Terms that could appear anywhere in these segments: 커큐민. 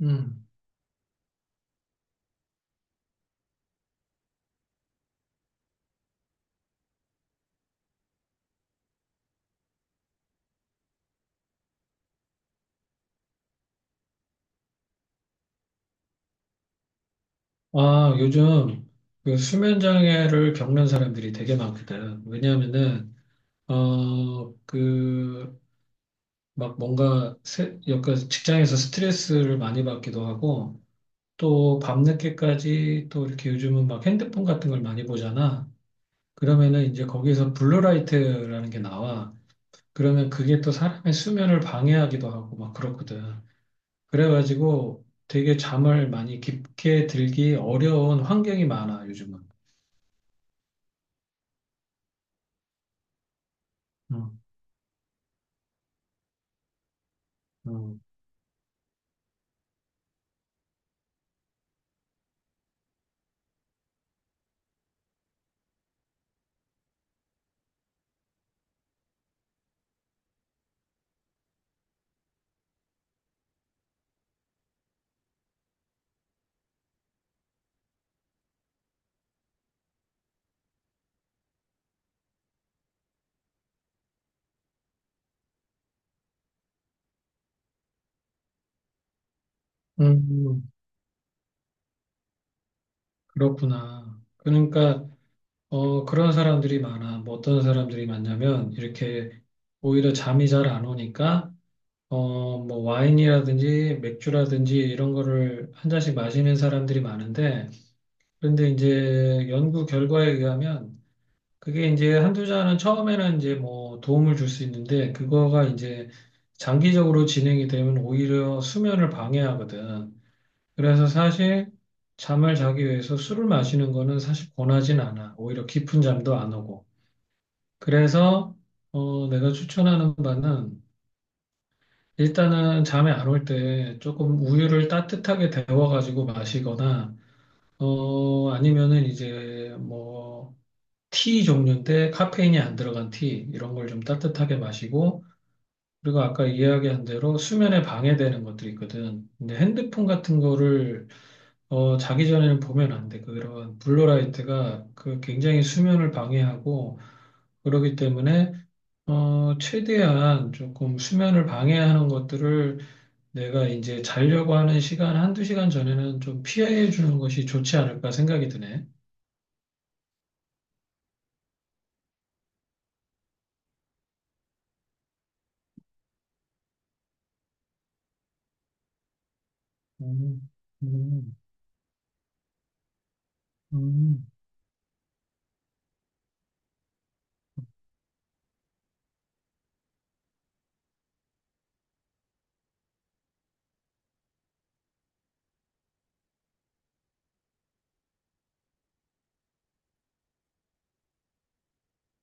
음. 요즘 그 수면 장애를 겪는 사람들이 되게 많거든. 왜냐하면은 그 막 뭔가 약간 직장에서 스트레스를 많이 받기도 하고 또 밤늦게까지 또 이렇게 요즘은 막 핸드폰 같은 걸 많이 보잖아. 그러면은 이제 거기에서 블루라이트라는 게 나와. 그러면 그게 또 사람의 수면을 방해하기도 하고 막 그렇거든. 그래가지고 되게 잠을 많이 깊게 들기 어려운 환경이 많아, 요즘은. 음, 음, 음, 그렇구나. 그러니까 그런 사람들이 많아. 뭐 어떤 사람들이 많냐면 이렇게 오히려 잠이 잘 안 오니까 뭐 와인이라든지 맥주라든지 이런 거를 한 잔씩 마시는 사람들이 많은데, 그런데 이제 연구 결과에 의하면 그게 이제 한두 잔은 처음에는 이제 뭐 도움을 줄 수 있는데, 그거가 이제 장기적으로 진행이 되면 오히려 수면을 방해하거든. 그래서 사실 잠을 자기 위해서 술을 마시는 거는 사실 권하진 않아. 오히려 깊은 잠도 안 오고. 그래서 내가 추천하는 바는, 일단은 잠이 안올 때 조금 우유를 따뜻하게 데워가지고 마시거나 아니면은 이제 뭐 티 종류인데 카페인이 안 들어간 티 이런 걸 좀 따뜻하게 마시고, 그리고 아까 이야기한 대로 수면에 방해되는 것들이 있거든. 근데 핸드폰 같은 거를 자기 전에는 보면 안 돼. 그런 블루라이트가 그 굉장히 수면을 방해하고 그러기 때문에 최대한 조금 수면을 방해하는 것들을 내가 이제 자려고 하는 시간 한두 시간 전에는 좀 피해 주는 것이 좋지 않을까 생각이 드네. 음, 음, 음,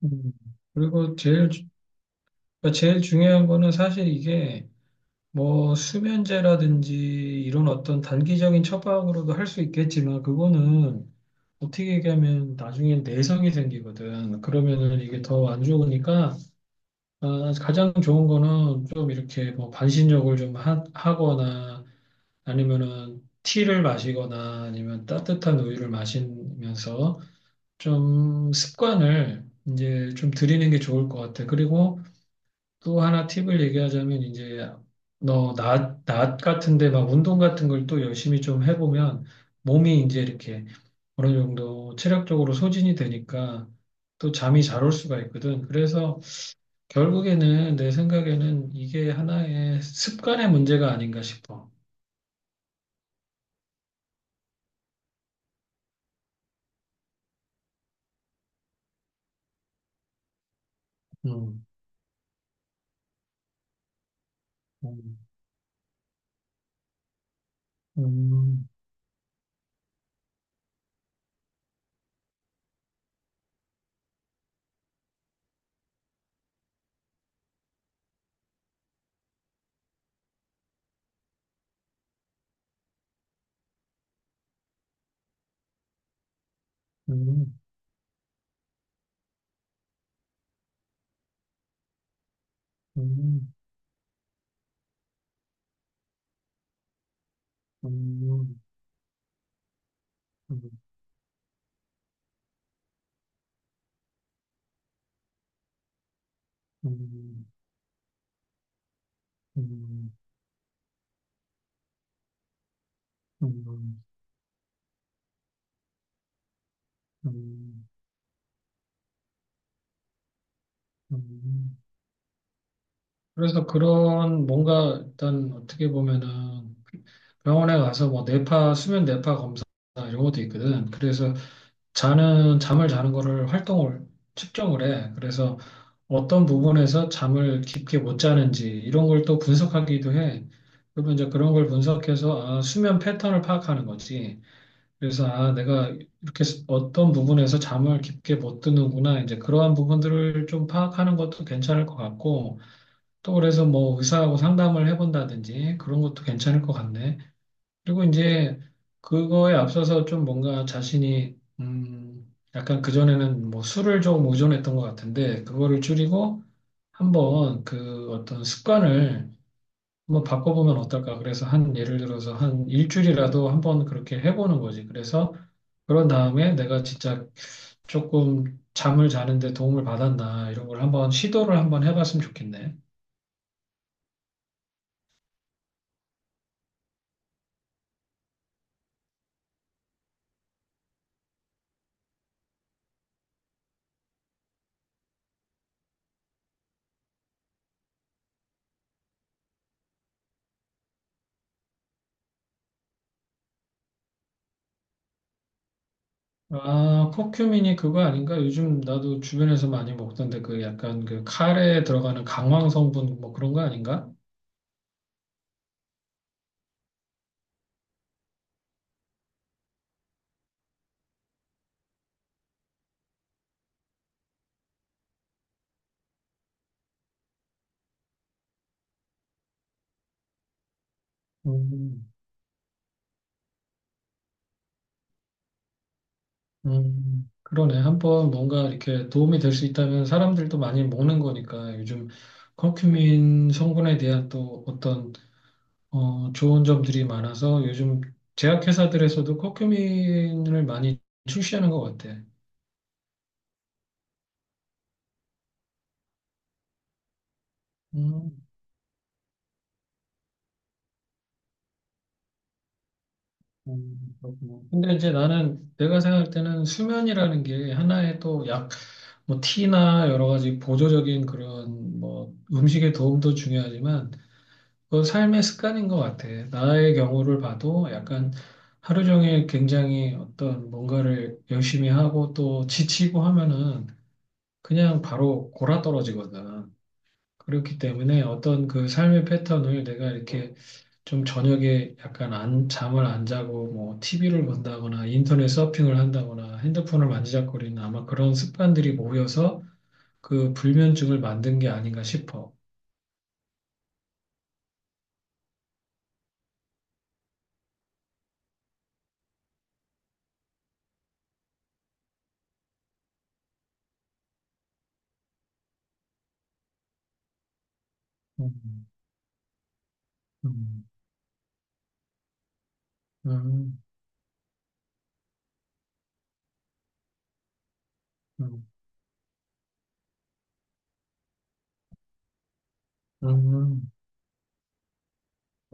음. 그리고 제일 그러니까 제일 중요한 거는 사실 이게 뭐 수면제라든지 이런 어떤 단기적인 처방으로도 할 수 있겠지만, 그거는 어떻게 얘기하면 나중엔 내성이 생기거든. 그러면은 이게 더 안 좋으니까 아, 가장 좋은 거는 좀 이렇게 뭐 반신욕을 좀 하거나 아니면은 티를 마시거나 아니면 따뜻한 우유를 마시면서 좀 습관을 이제 좀 들이는 게 좋을 것 같아. 그리고 또 하나 팁을 얘기하자면, 이제 너 낮 같은데 막 운동 같은 걸 또 열심히 좀 해보면 몸이 이제 이렇게 어느 정도 체력적으로 소진이 되니까 또 잠이 잘 올 수가 있거든. 그래서 결국에는 내 생각에는 이게 하나의 습관의 문제가 아닌가 싶어. 음, 음, 음, 음, 음, 음, 음, 음, 음, 음, 음, 음. 음. 그래서 그런 뭔가 일단 어떻게 보면은 병원에 가서 뭐 뇌파, 수면 뇌파 검사 이런 것도 있거든. 그래서 잠을 자는 거를 활동을 측정을 해. 그래서 어떤 부분에서 잠을 깊게 못 자는지 이런 걸 또 분석하기도 해. 그러면 이제 그런 걸 분석해서 아, 수면 패턴을 파악하는 거지. 그래서 아, 내가 이렇게 어떤 부분에서 잠을 깊게 못 드는구나. 이제 그러한 부분들을 좀 파악하는 것도 괜찮을 것 같고, 또 그래서 뭐 의사하고 상담을 해본다든지 그런 것도 괜찮을 것 같네. 그리고 이제 그거에 앞서서 좀 뭔가 자신이 약간 그전에는 뭐 술을 좀 의존했던 것 같은데, 그거를 줄이고 한번 그 어떤 습관을 한번 바꿔보면 어떨까. 그래서 한 예를 들어서 한 일주일이라도 한번 그렇게 해보는 거지. 그래서 그런 다음에 내가 진짜 조금 잠을 자는데 도움을 받았나 이런 걸 한번 시도를 한번 해봤으면 좋겠네. 아, 커큐민이 그거 아닌가? 요즘 나도 주변에서 많이 먹던데 그 약간 그 카레에 들어가는 강황 성분 뭐 그런 거 아닌가? 음, 그러네. 한번 뭔가 이렇게 도움이 될 수 있다면 사람들도 많이 먹는 거니까, 요즘 커큐민 성분에 대한 또 어떤 좋은 점들이 많아서 요즘 제약회사들에서도 커큐민을 많이 출시하는 것 같아. 음. 그렇구나. 근데 이제 나는, 내가 생각할 때는 수면이라는 게 하나의 또 약, 뭐 티나 여러 가지 보조적인 그런 뭐 음식의 도움도 중요하지만 그 삶의 습관인 것 같아. 나의 경우를 봐도 약간 하루 종일 굉장히 어떤 뭔가를 열심히 하고 또 지치고 하면은 그냥 바로 골아 떨어지거든. 그렇기 때문에 어떤 그 삶의 패턴을 내가 이렇게 좀 저녁에 약간 안, 잠을 안 자고 뭐 TV를 본다거나 인터넷 서핑을 한다거나 핸드폰을 만지작거리는 아마 그런 습관들이 모여서 그 불면증을 만든 게 아닌가 싶어. 음, 음, 음, 음, 음.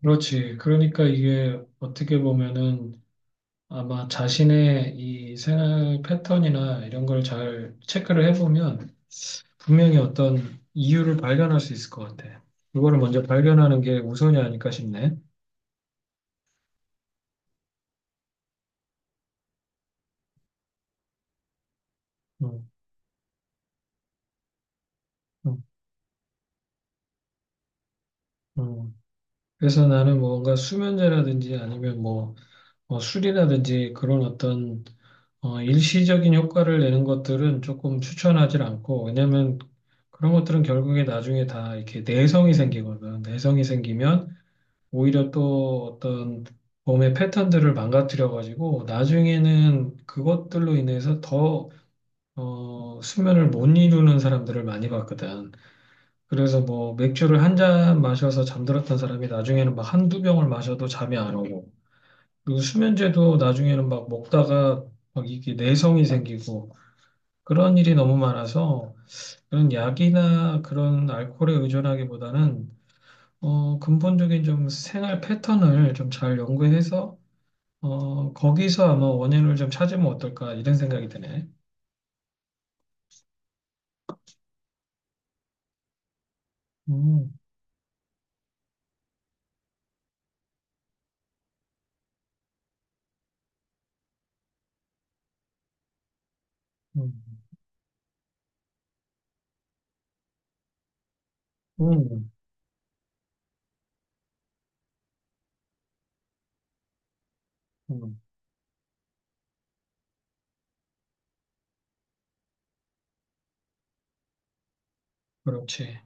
그렇지. 그러니까 이게 어떻게 보면은 아마 자신의 이 생활 패턴이나 이런 걸 잘 체크를 해보면 분명히 어떤 이유를 발견할 수 있을 것 같아. 이거를 먼저 발견하는 게 우선이 아닐까 싶네. 음. 어, 어. 그래서 나는 뭔가 수면제라든지 아니면 뭐 술이라든지 그런 어떤 일시적인 효과를 내는 것들은 조금 추천하지 않고, 왜냐면 그런 것들은 결국에 나중에 다 이렇게 내성이 생기거든. 내성이 생기면 오히려 또 어떤 몸의 패턴들을 망가뜨려 가지고 나중에는 그것들로 인해서 더 수면을 못 이루는 사람들을 많이 봤거든. 그래서 뭐 맥주를 한 잔 마셔서 잠들었던 사람이 나중에는 막 한두 병을 마셔도 잠이 안 오고, 그리고 수면제도 나중에는 막 먹다가 막 이게 내성이 생기고, 그런 일이 너무 많아서 그런 약이나 그런 알코올에 의존하기보다는 근본적인 좀 생활 패턴을 좀 잘 연구해서 거기서 아마 원인을 좀 찾으면 어떨까, 이런 생각이 드네. 음, 음, 음, 음. 그렇지.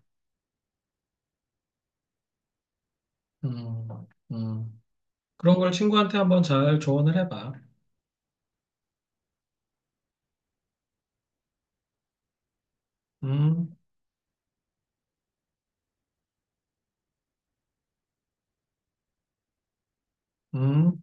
음, 음. 그런 걸 친구한테 한번 잘 조언을 해봐. 음, 음.